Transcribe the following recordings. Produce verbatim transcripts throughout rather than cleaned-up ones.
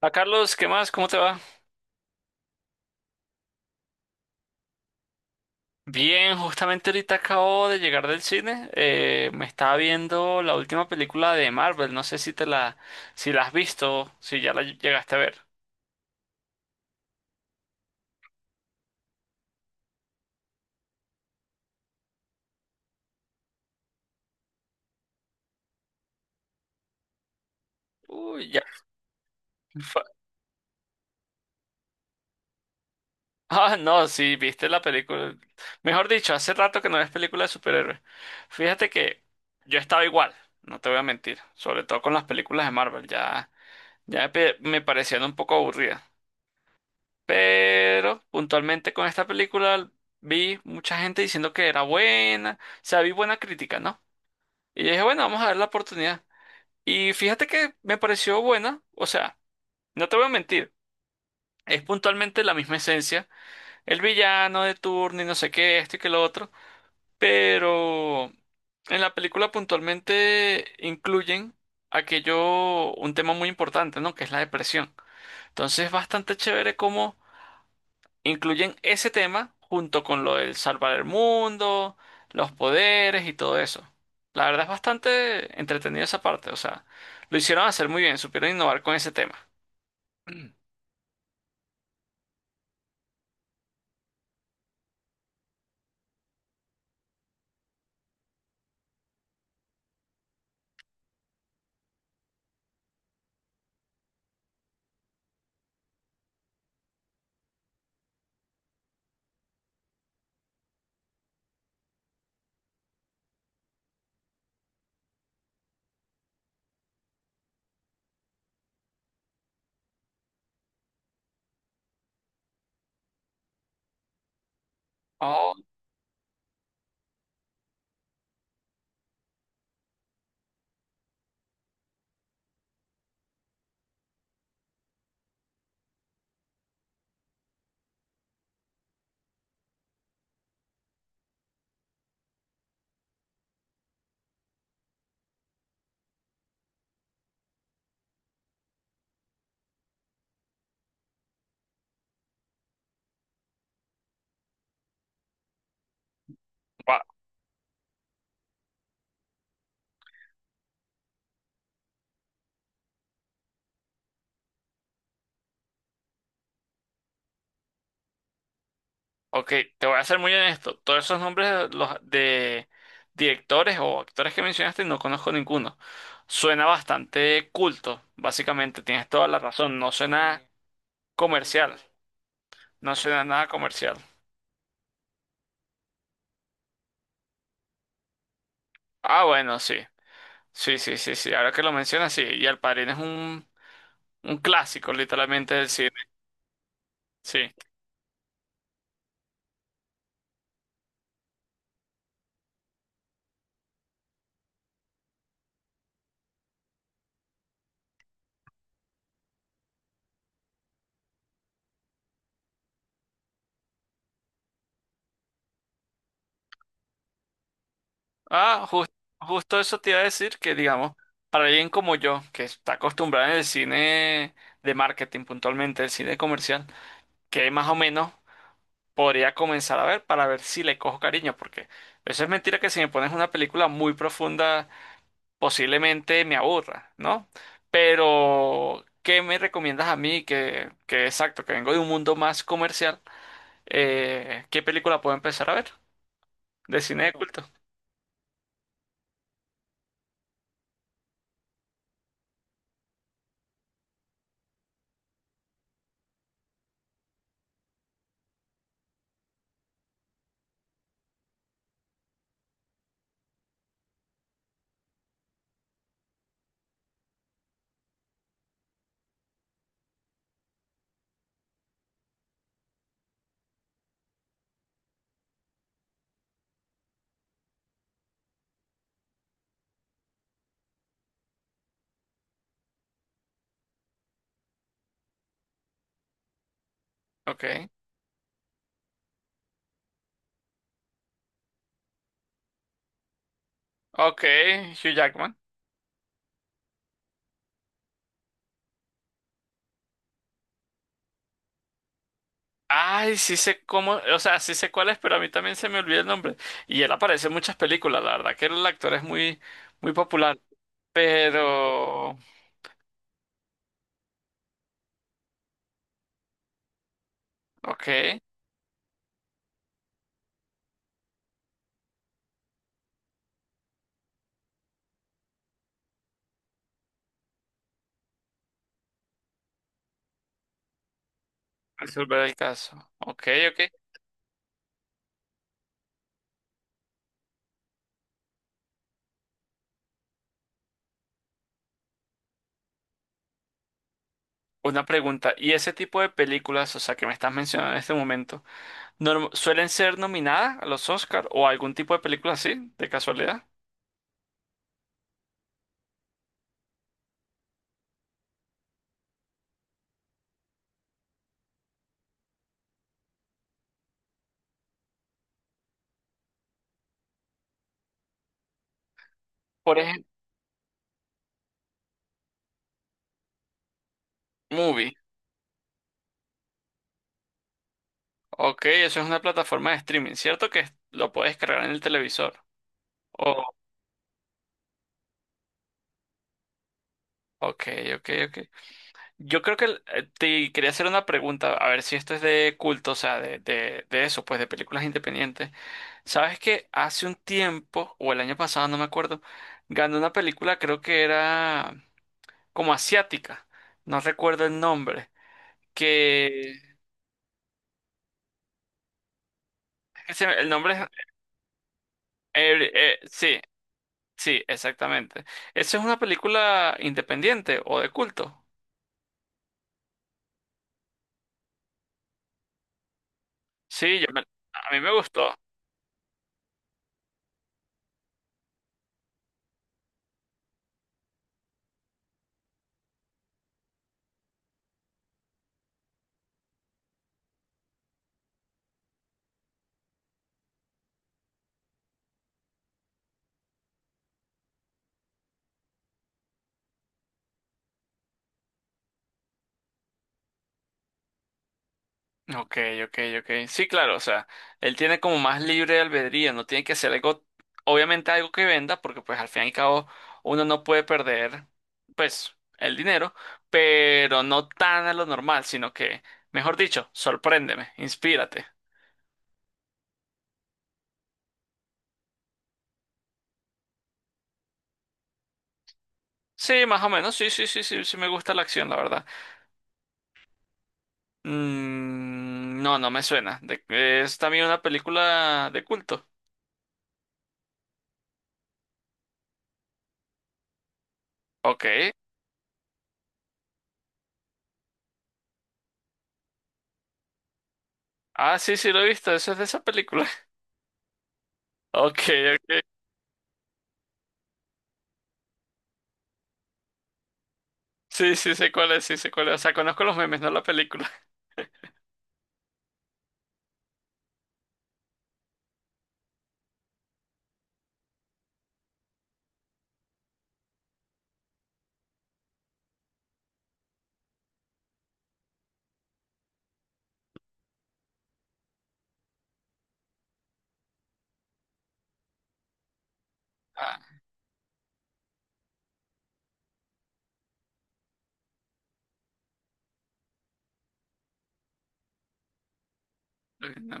A Carlos, ¿qué más? ¿Cómo te va? Bien, justamente ahorita acabo de llegar del cine. Eh, me estaba viendo la última película de Marvel. No sé si te la, si la has visto, si ya la llegaste a ver. Uy, ya. fa- Ah, no, sí, viste la película. Mejor dicho, hace rato que no ves película de superhéroes. Fíjate que yo estaba igual, no te voy a mentir. Sobre todo con las películas de Marvel, ya, ya pe- me parecían un poco aburridas. Pero puntualmente con esta película vi mucha gente diciendo que era buena, o sea, vi buena crítica, ¿no? Y yo dije, bueno, vamos a dar la oportunidad. Y fíjate que me pareció buena, o sea, no te voy a mentir, es puntualmente la misma esencia, el villano de turno y no sé qué, esto y que lo otro, pero en la película puntualmente incluyen aquello, un tema muy importante, ¿no? Que es la depresión. Entonces es bastante chévere como incluyen ese tema junto con lo del salvar el mundo, los poderes y todo eso. La verdad es bastante entretenida esa parte, o sea, lo hicieron hacer muy bien, supieron innovar con ese tema. Oh, va. Ok, te voy a ser muy honesto. Todos esos nombres de, los, de directores o actores que mencionaste no conozco ninguno. Suena bastante culto, básicamente. Tienes toda la razón. No suena comercial. No suena nada comercial. Ah, bueno, sí. Sí, sí, sí, sí. Ahora que lo mencionas, sí. Y El Padrino es un, un clásico, literalmente, del cine. Sí. Ah, jus- Justo eso te iba a decir que, digamos, para alguien como yo, que está acostumbrado en el cine de marketing puntualmente, el cine comercial, que más o menos podría comenzar a ver para ver si le cojo cariño, porque eso es mentira que si me pones una película muy profunda, posiblemente me aburra, ¿no? Pero, ¿qué me recomiendas a mí que, que exacto, que vengo de un mundo más comercial? Eh, ¿qué película puedo empezar a ver? De cine de culto. Ok. Ok, Hugh Jackman. Ay, sí sé cómo, o sea, sí sé cuál es, pero a mí también se me olvida el nombre. Y él aparece en muchas películas, la verdad que el actor es muy, muy popular. Pero, ok, resolver el caso. Ok, ok. Una pregunta, ¿y ese tipo de películas, o sea, que me estás mencionando en este momento, norm- suelen ser nominadas a los Oscar o algún tipo de película así, de casualidad? Por ejemplo, ok, eso es una plataforma de streaming, ¿cierto? Que lo puedes cargar en el televisor. Oh, ok, ok, ok. Yo creo que eh, te quería hacer una pregunta, a ver si esto es de culto, o sea, de, de, de eso, pues de películas independientes. ¿Sabes que hace un tiempo, o el año pasado, no me acuerdo, ganó una película, creo que era como asiática, no recuerdo el nombre, que... que se El nombre es... eh, eh, sí, sí, exactamente. ¿Esa es una película independiente o de culto? Sí, yo me- a mí me gustó. Ok, ok, ok. Sí, claro, o sea, él tiene como más libre albedrío, no tiene que hacer algo, obviamente algo que venda, porque pues al fin y al cabo uno no puede perder, pues, el dinero, pero no tan a lo normal, sino que, mejor dicho, sorpréndeme, inspírate. Sí, más o menos, sí, sí, sí, sí, sí me gusta la acción, la verdad. Mm, no, no me suena. De- es también una película de culto. Ok. Ah, sí, sí, lo he visto, eso es de esa película. Ok, ok. Sí, sí, sé cuál es, sí, sé cuál es. O sea, conozco los memes, no la película. Ah, eh, no.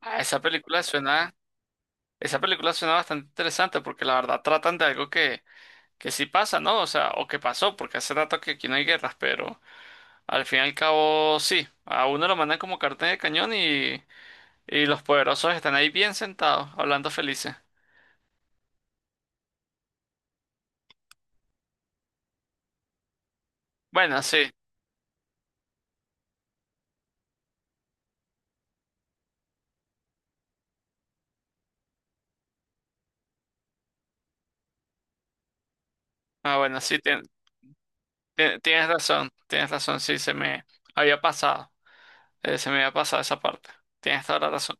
Ah, esa película suena, esa película suena bastante interesante porque la verdad tratan de algo que, que sí pasa, ¿no? O sea, o que pasó, porque hace rato que aquí no hay guerras, pero al fin y al cabo sí. A uno lo mandan como cartel de cañón y, y los poderosos están ahí bien sentados, hablando felices. Bueno, sí. Ah, bueno, sí, tien- tien- tienes razón, tienes razón, sí, se me había pasado, eh, se me había pasado esa parte. Tienes toda la razón.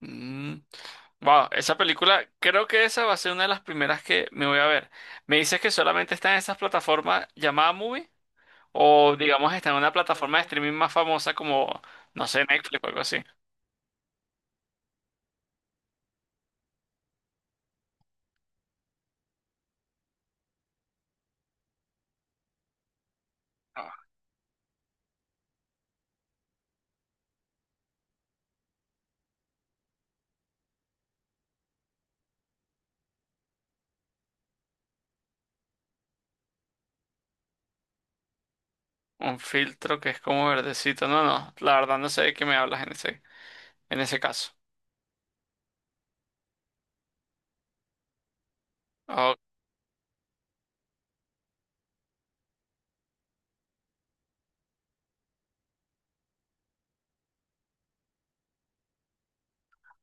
Mm. Wow, esa película, creo que esa va a ser una de las primeras que me voy a ver. ¿Me dices que solamente está en esas plataformas llamadas Movie? O digamos está en una plataforma de streaming más famosa como, no sé, Netflix o algo así. Un filtro que es como verdecito. No, no, la verdad no sé de qué me hablas en ese, en ese caso. O-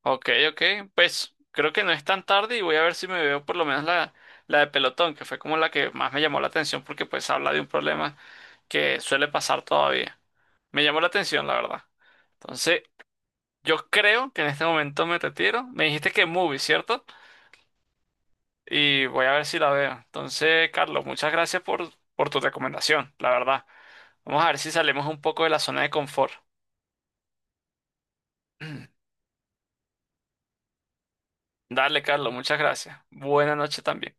ok, ok. Pues creo que no es tan tarde y voy a ver si me veo por lo menos la, la de Pelotón, que fue como la que más me llamó la atención porque pues habla de un problema que suele pasar todavía. Me llamó la atención, la verdad. Entonces, yo creo que en este momento me retiro. Me dijiste que movie, ¿cierto? Y voy a ver si la veo. Entonces, Carlos, muchas gracias por, por tu recomendación, la verdad. Vamos a ver si salimos un poco de la zona de confort. Dale, Carlos, muchas gracias. Buena noche también.